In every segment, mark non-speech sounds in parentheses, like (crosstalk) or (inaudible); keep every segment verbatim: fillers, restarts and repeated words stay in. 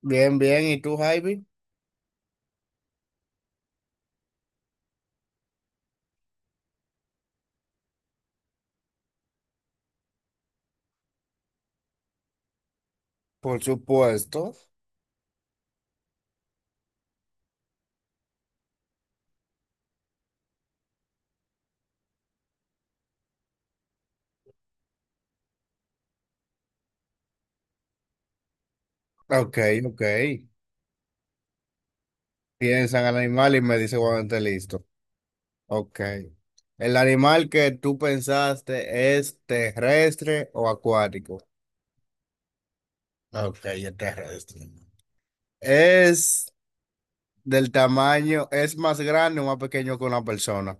Bien, bien. ¿Y tú, Javi? Por supuesto. Ok, ok. Piensa en el animal y me dice cuando esté listo. Ok. ¿El animal que tú pensaste es terrestre o acuático? Ok, es terrestre. ¿Es del tamaño, es más grande o más pequeño que una persona?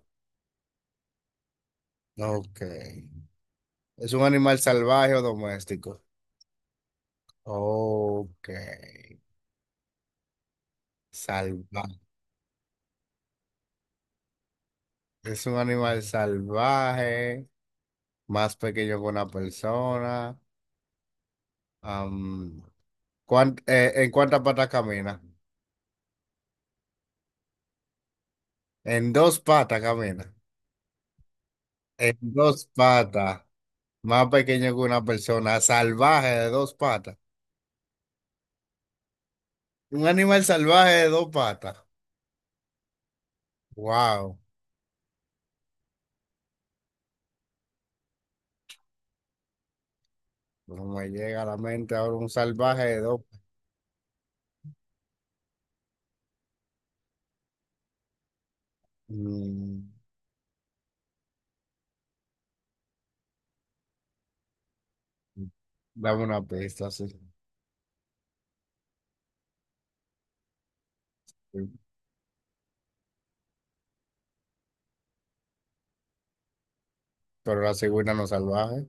Ok. ¿Es un animal salvaje o doméstico? Ok. Salvaje. Es un animal salvaje. Más pequeño que una persona. am, ¿cuán- eh, ¿En cuántas patas camina? En dos patas camina. En dos patas. Más pequeño que una persona. Salvaje de dos patas. Un animal salvaje de dos patas. Wow. No me llega a la mente ahora un salvaje de dos patas. Mm, dame una pista, sí. Pero la cigüeña no es salvaje.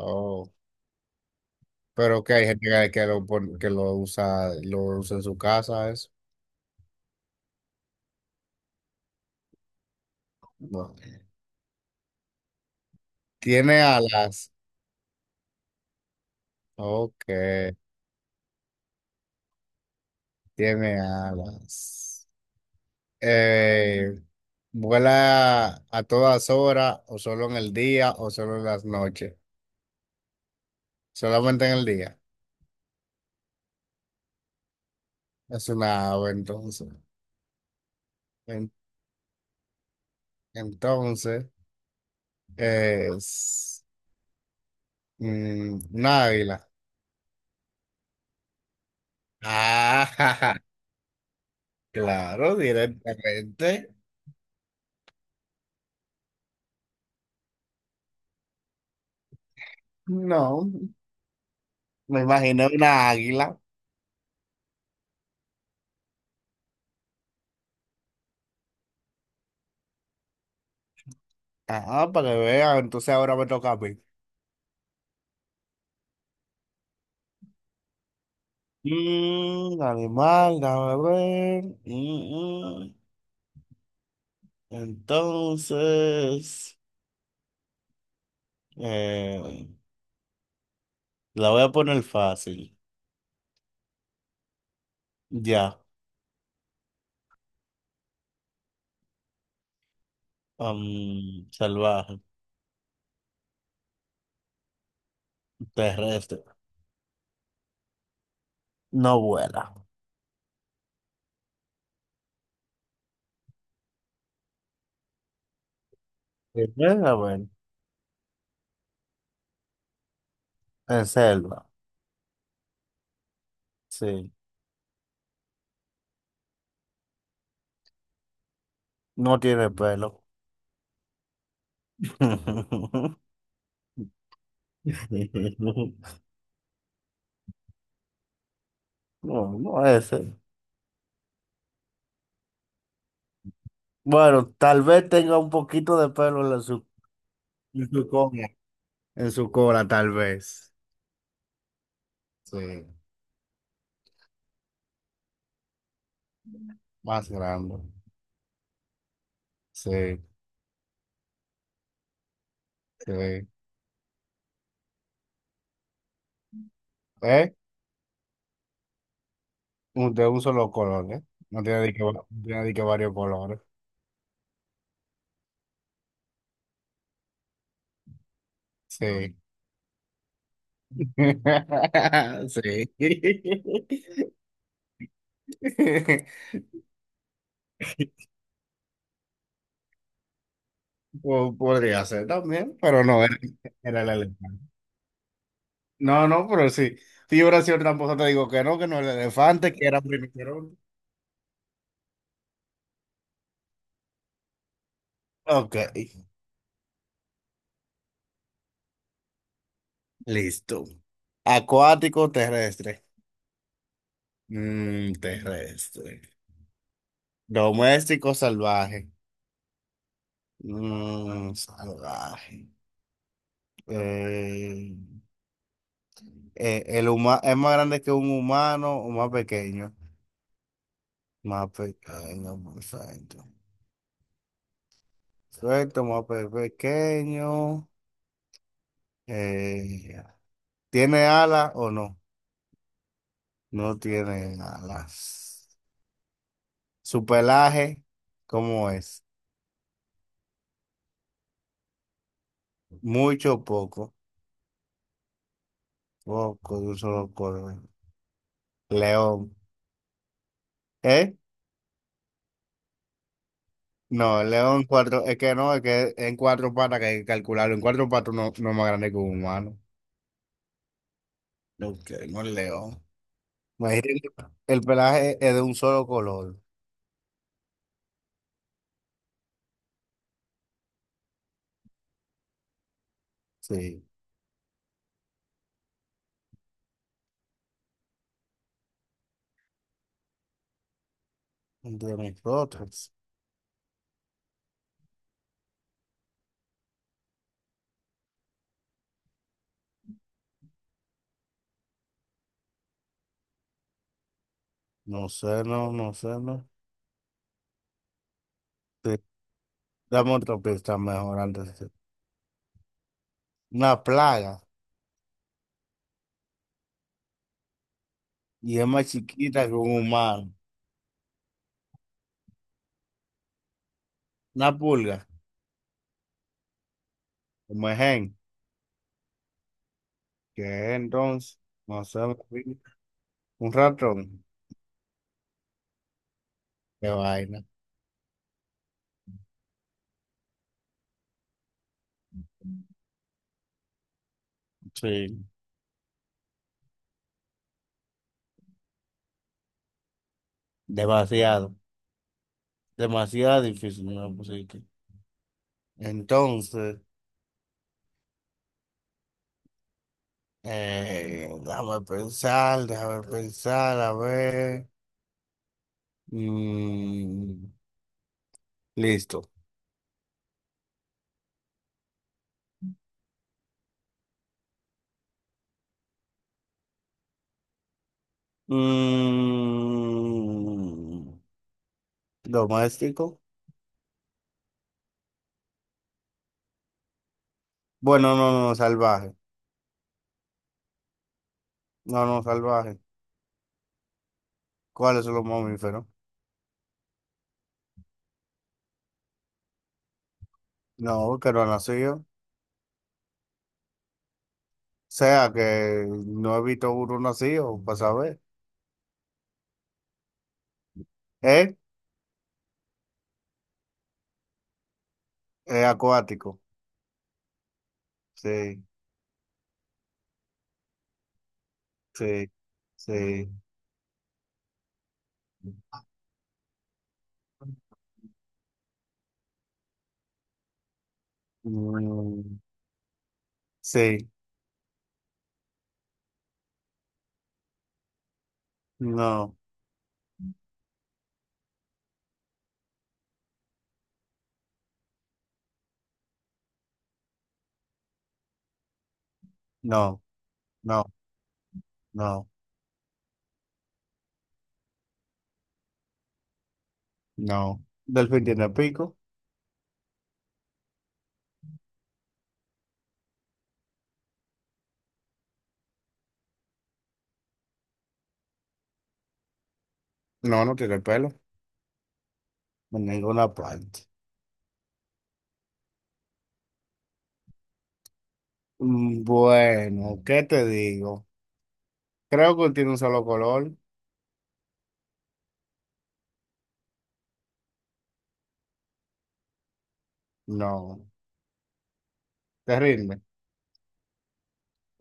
Oh. Pero que hay gente que que lo, pon- que lo usa, lo usa en su casa, eso. No. Tiene alas. Ok, tiene alas. Eh, vuela a todas horas, o solo en el día, o solo en las noches. Solamente en el día. Es una ave, entonces. En- entonces, es mm, una águila. Ah, (laughs) claro, directamente. No, me imaginé una águila. Ajá, para que vean. Entonces ahora me toca a mí. Mm, animal, déjame ver. Mm, mm. Entonces, eh, la voy a poner fácil. Ya, am, salvaje, terrestre. No vuela. Primero, a ver, en selva, sí. No tiene pelo. (laughs) No, no ese. Bueno, tal vez tenga un poquito de pelo en su, en su cola. En su cola, tal vez. Sí, más grande. Sí, sí. ¿Eh? Un- De un solo color, ¿eh? No tiene de que, no tiene de que varios colores. Sí. (laughs) Sí. (laughs) Po- Podría ser también, pero no, era, era el elefante. No, no, pero sí. Si yo hubiera sido tramposo, te digo que no, que no el elefante, que era primero. Ok, listo. Acuático, terrestre. Mm, terrestre. Doméstico, salvaje. Mm, salvaje. Eh, eh, el huma- es más grande que un humano o más pequeño. Más pequeño, por santo. Suelto, más pe- pequeño. Eh, ¿tiene alas o no? No tiene alas. Su pelaje, ¿cómo es? Mucho o poco. Poco, de un solo color. León. ¿Eh? No, el león cuatro, es que no, es que en cuatro patas que hay que calcularlo. En cuatro patas no, no es más grande que un humano. No, que no es león. Imagínate que el pelaje es de un solo color. Sí. De nosotros. No sé, no, no sé, no. Sí. Dame otra pista mejor antes. de- Una plaga. Y es más chiquita que un humano. Una pulga. Como es gen. ¿Qué es entonces? No sé. Un ratón. Qué vaina. Sí. Demasiado. Demasiado difícil me lo pusiste. Entonces, eh, déjame pensar, déjame pensar, a ver. Mm, listo. Mm, doméstico. Bueno, no, no, salvaje. No, no, salvaje. ¿Cuáles son los mamíferos? No, que no han nacido. Sea que no he visto uno nacido, para saber. ¿Eh? Es acuático. Sí, sí, sí. Mm, sí, no, no, no, no, no. ¿Delfín tiene pico? No, no tiene pelo. En ninguna parte. Mm, bueno, ¿qué te digo? Creo que tiene un solo color. No, te rinde.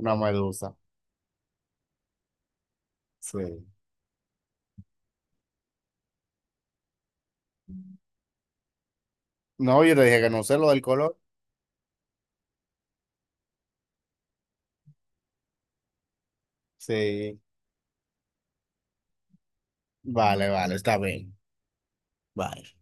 Una medusa. Sí. No, yo te dije que no sé lo del color. Sí. Vale, vale, está bien. Bye.